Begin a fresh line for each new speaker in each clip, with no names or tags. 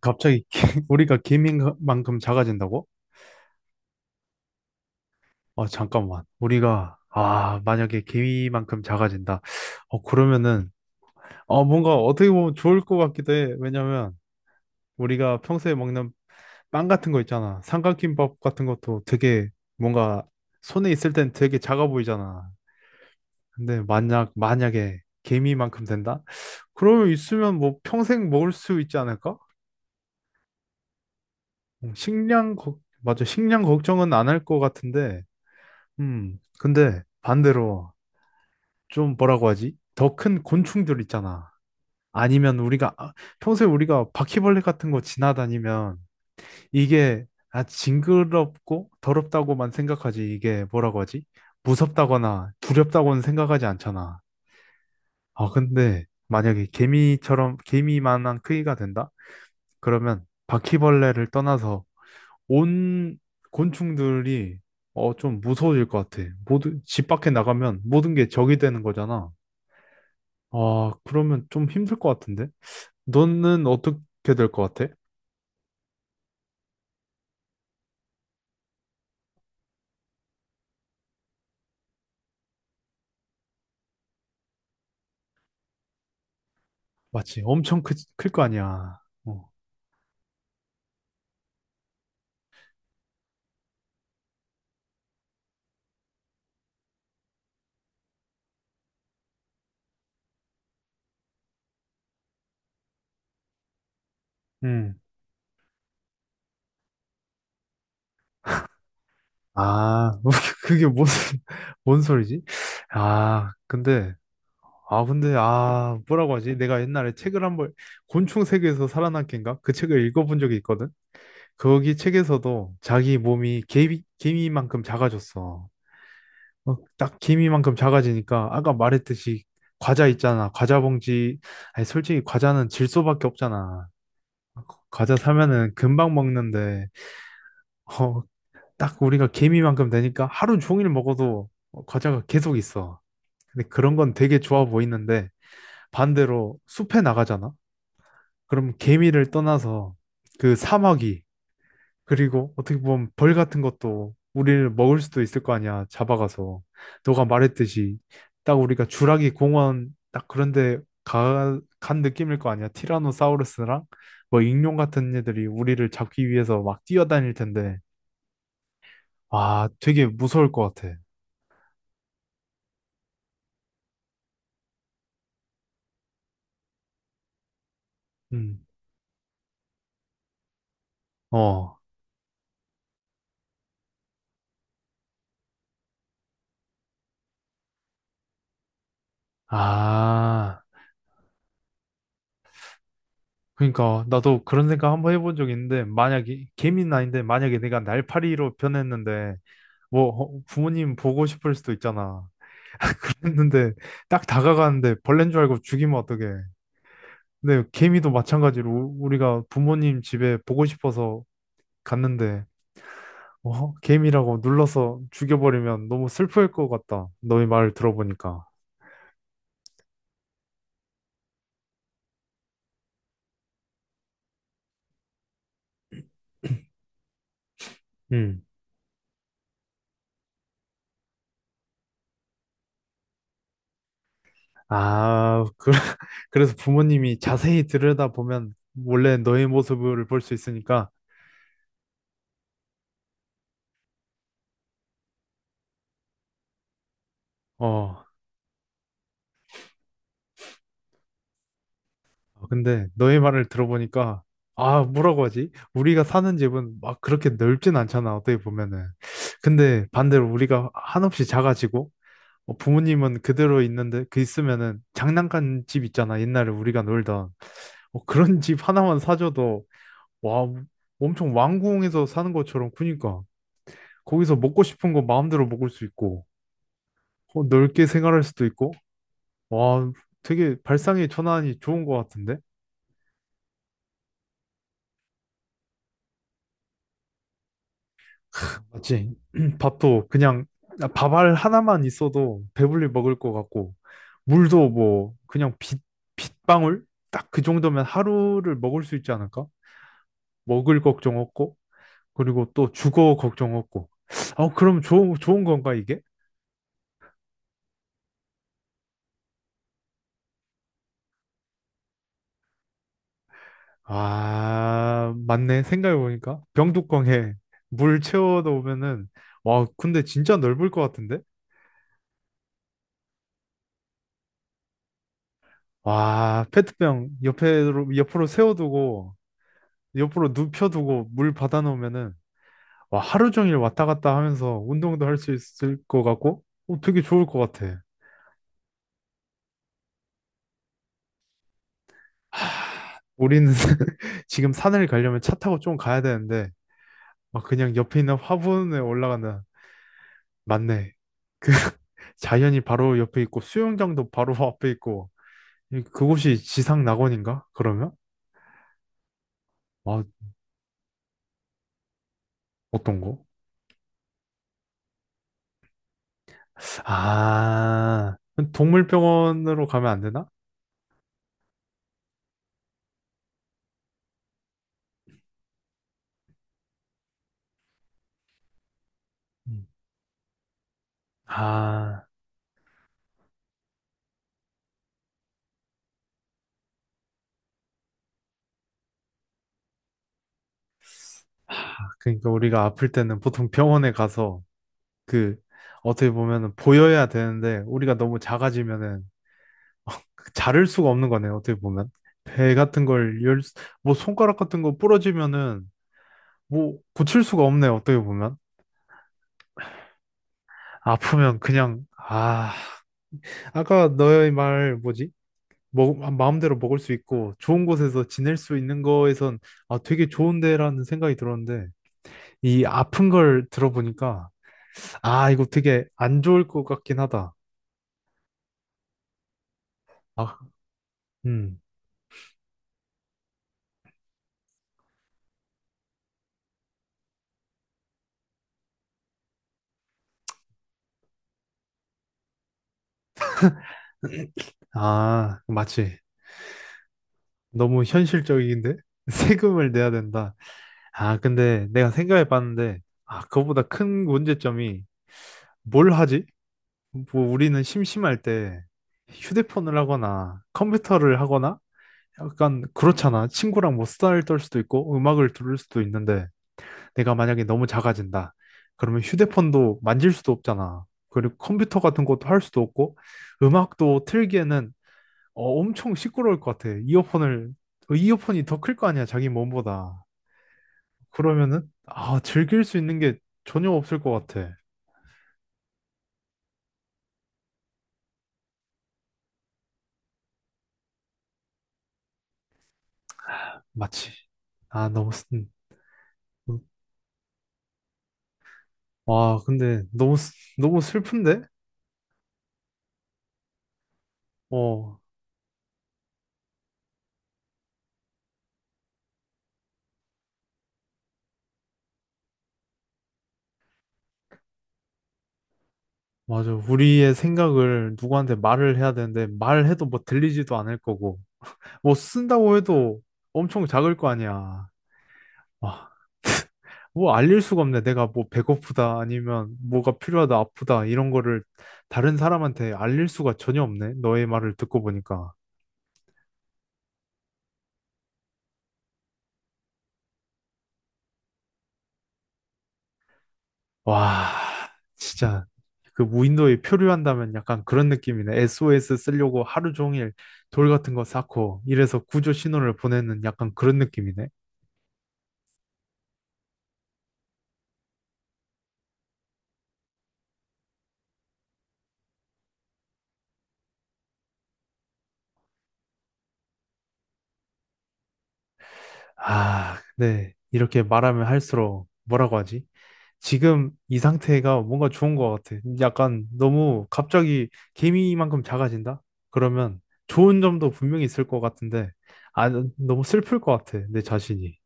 갑자기 개- 우리가 개미만큼 작아진다고? 아, 잠깐만. 우리가, 아, 만약에 개미만큼 작아진다. 그러면은, 뭔가 어떻게 보면 좋을 것 같기도 해. 왜냐면, 우리가 평소에 먹는 빵 같은 거 있잖아. 삼각김밥 같은 것도 되게 뭔가 손에 있을 땐 되게 작아 보이잖아. 근데 만약, 만약에 개미만큼 된다? 그러면 있으면 뭐 평생 먹을 수 있지 않을까? 식량, 걱- 맞아. 식량 걱정은 안 할 것 같은데, 근데 반대로 좀 뭐라고 하지? 더 큰 곤충들 있잖아. 아니면 우리가 아, 평소에 우리가 바퀴벌레 같은 거 지나다니면 이게 아, 징그럽고 더럽다고만 생각하지. 이게 뭐라고 하지? 무섭다거나 두렵다고는 생각하지 않잖아. 아, 근데 만약에 개미처럼 개미만한 크기가 된다? 그러면 바퀴벌레를 떠나서 온 곤충들이 좀 무서워질 것 같아. 모두, 집 밖에 나가면 모든 게 적이 되는 거잖아. 아, 그러면 좀 힘들 것 같은데? 너는 어떻게 될 것 같아? 맞지, 엄청 크, 클 거 아니야. 어. 음. 아, 그게 무슨, 뭔 소리지? 아, 근데, 아, 근데, 아, 뭐라고 하지? 내가 옛날에 책을 한 번, 곤충 세계에서 살아남기인가? 그 책을 읽어본 적이 있거든? 거기 책에서도 자기 몸이 개미, 개미만큼 작아졌어. 딱 개미만큼 작아지니까 아까 말했듯이 과자 있잖아. 과자 봉지. 아니, 솔직히 과자는 질소밖에 없잖아. 과자 사면은 금방 먹는데 어, 딱 우리가 개미만큼 되니까 하루 종일 먹어도 과자가 계속 있어. 근데 그런 건 되게 좋아 보이는데 반대로 숲에 나가잖아. 그럼 개미를 떠나서 그 사마귀 그리고 어떻게 보면 벌 같은 것도 우리를 먹을 수도 있을 거 아니야, 잡아가서. 너가 말했듯이 딱 우리가 주라기 공원 딱 그런데 가, 간 느낌일 거 아니야. 티라노사우루스랑 뭐 익룡 같은 애들이 우리를 잡기 위해서 막 뛰어다닐 텐데. 와, 되게 무서울 것 같아. 음. 어. 아. 그러니까 나도 그런 생각 한번 해본 적 있는데 만약에 개미는 아닌데 만약에 내가 날파리로 변했는데 뭐 부모님 보고 싶을 수도 있잖아. 했는데 딱 다가가는데 벌레인 줄 알고 죽이면 어떡해. 근데 개미도 마찬가지로 우- 우리가 부모님 집에 보고 싶어서 갔는데 어? 개미라고 눌러서 죽여버리면 너무 슬플 것 같다. 너의 말을 들어보니까. 음. 아, 그, 그래서 부모님이 자세히 들여다보면 원래 너의 모습을 볼 수 있으니까 어, 아, 근데 너의 말을 들어보니까 아 뭐라고 하지? 우리가 사는 집은 막 그렇게 넓진 않잖아 어떻게 보면은 근데 반대로 우리가 한없이 작아지고 부모님은 그대로 있는데 그 있으면은 장난감 집 있잖아 옛날에 우리가 놀던 그런 집 하나만 사줘도 와 엄청 왕궁에서 사는 것처럼 크니까 거기서 먹고 싶은 거 마음대로 먹을 수 있고 넓게 생활할 수도 있고 와 되게 발상의 전환이 좋은 것 같은데? 맞지? 밥도 그냥 밥알 하나만 있어도 배불리 먹을 것 같고 물도 뭐 그냥 빗, 빗방울? 딱 그 정도면 하루를 먹을 수 있지 않을까? 먹을 걱정 없고 그리고 또 주거 걱정 없고 어 그럼 좋은 좋은 건가 이게? 아 맞네 생각해보니까 병뚜껑에 물 채워두면은 와 근데 진짜 넓을 것 같은데? 와 페트병 옆에로 옆으로 세워두고 옆으로 눕혀두고 물 받아놓으면은 와, 하루 종일 왔다 갔다 하면서 운동도 할 수 있을 것 같고 되게 좋을 것 같아. 하, 우리는 지금 산을 가려면 차 타고 좀 가야 되는데 막 그냥 옆에 있는 화분에 올라가는 맞네. 자연이 바로 옆에 있고 수영장도 바로 앞에 있고 이- 그곳이 지상 낙원인가? 그러면? 아, 어떤 거? 아, 동물병원으로 가면 안 되나? 음. 아. 그러니까 우리가 아플 때는 보통 병원에 가서 그 어떻게 보면은 보여야 되는데 우리가 너무 작아지면은 자를 수가 없는 거네요. 어떻게 보면 배 같은 걸 열, 수- 뭐 손가락 같은 거 부러지면은 뭐 고칠 수가 없네요. 어떻게 보면 아프면 그냥 아 아까 너의 말 뭐지? 먹, 마음대로 먹을 수 있고 좋은 곳에서 지낼 수 있는 거에선 아 되게 좋은데라는 생각이 들었는데 이 아픈 걸 들어보니까 아 이거 되게 안 좋을 것 같긴 하다. 아, 음. 아, 맞지. 너무 현실적인데? 세금을 내야 된다. 아, 근데 내가 생각해 봤는데, 아, 그거보다 큰 문제점이 뭘 하지? 뭐, 우리는 심심할 때 휴대폰을 하거나 컴퓨터를 하거나 약간 그렇잖아. 친구랑 뭐 수다를 떨 수도 있고 음악을 들을 수도 있는데, 내가 만약에 너무 작아진다. 그러면 휴대폰도 만질 수도 없잖아. 그리고 컴퓨터 같은 것도 할 수도 없고, 음악도 틀기에는 엄청 시끄러울 것 같아. 이어폰을, 이어폰이 더 클 거 아니야, 자기 몸보다. 그러면은, 아, 즐길 수 있는 게 전혀 없을 것 같아. 마치. 아, 너무, 슬- 음. 와, 근데 너무, 슬- 너무 슬픈데? 어, 맞아. 우리의 생각을 누구한테 말을 해야 되는데, 말해도 뭐 들리지도 않을 거고, 뭐 쓴다고 해도 엄청 작을 거 아니야. 와, 뭐 알릴 수가 없네. 내가 뭐 배고프다 아니면 뭐가 필요하다 아프다 이런 거를 다른 사람한테 알릴 수가 전혀 없네. 너의 말을 듣고 보니까. 와, 진짜 그 무인도에 표류한다면 약간 그런 느낌이네. SOS 쓰려고 하루 종일 돌 같은 거 쌓고 이래서 구조 신호를 보내는 약간 그런 느낌이네. 아, 네. 이렇게 말하면 할수록 뭐라고 하지? 지금 이 상태가 뭔가 좋은 것 같아. 약간 너무 갑자기 개미만큼 작아진다? 그러면 좋은 점도 분명히 있을 것 같은데, 아, 너무 슬플 것 같아. 내 자신이.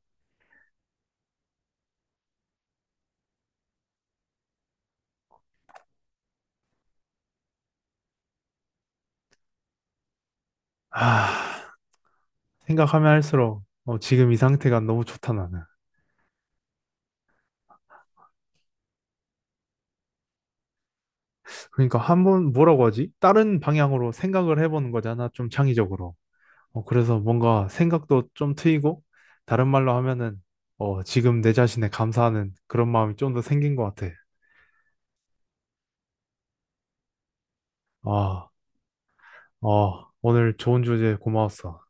아, 생각하면 할수록 지금 이 상태가 너무 좋다, 나는. 그러니까 한번 뭐라고 하지? 다른 방향으로 생각을 해보는 거잖아. 좀 창의적으로. 그래서 뭔가 생각도 좀 트이고, 다른 말로 하면은, 지금 내 자신에 감사하는 그런 마음이 좀 더 생긴 것 같아. 아, 어, 오늘 좋은 주제 고마웠어.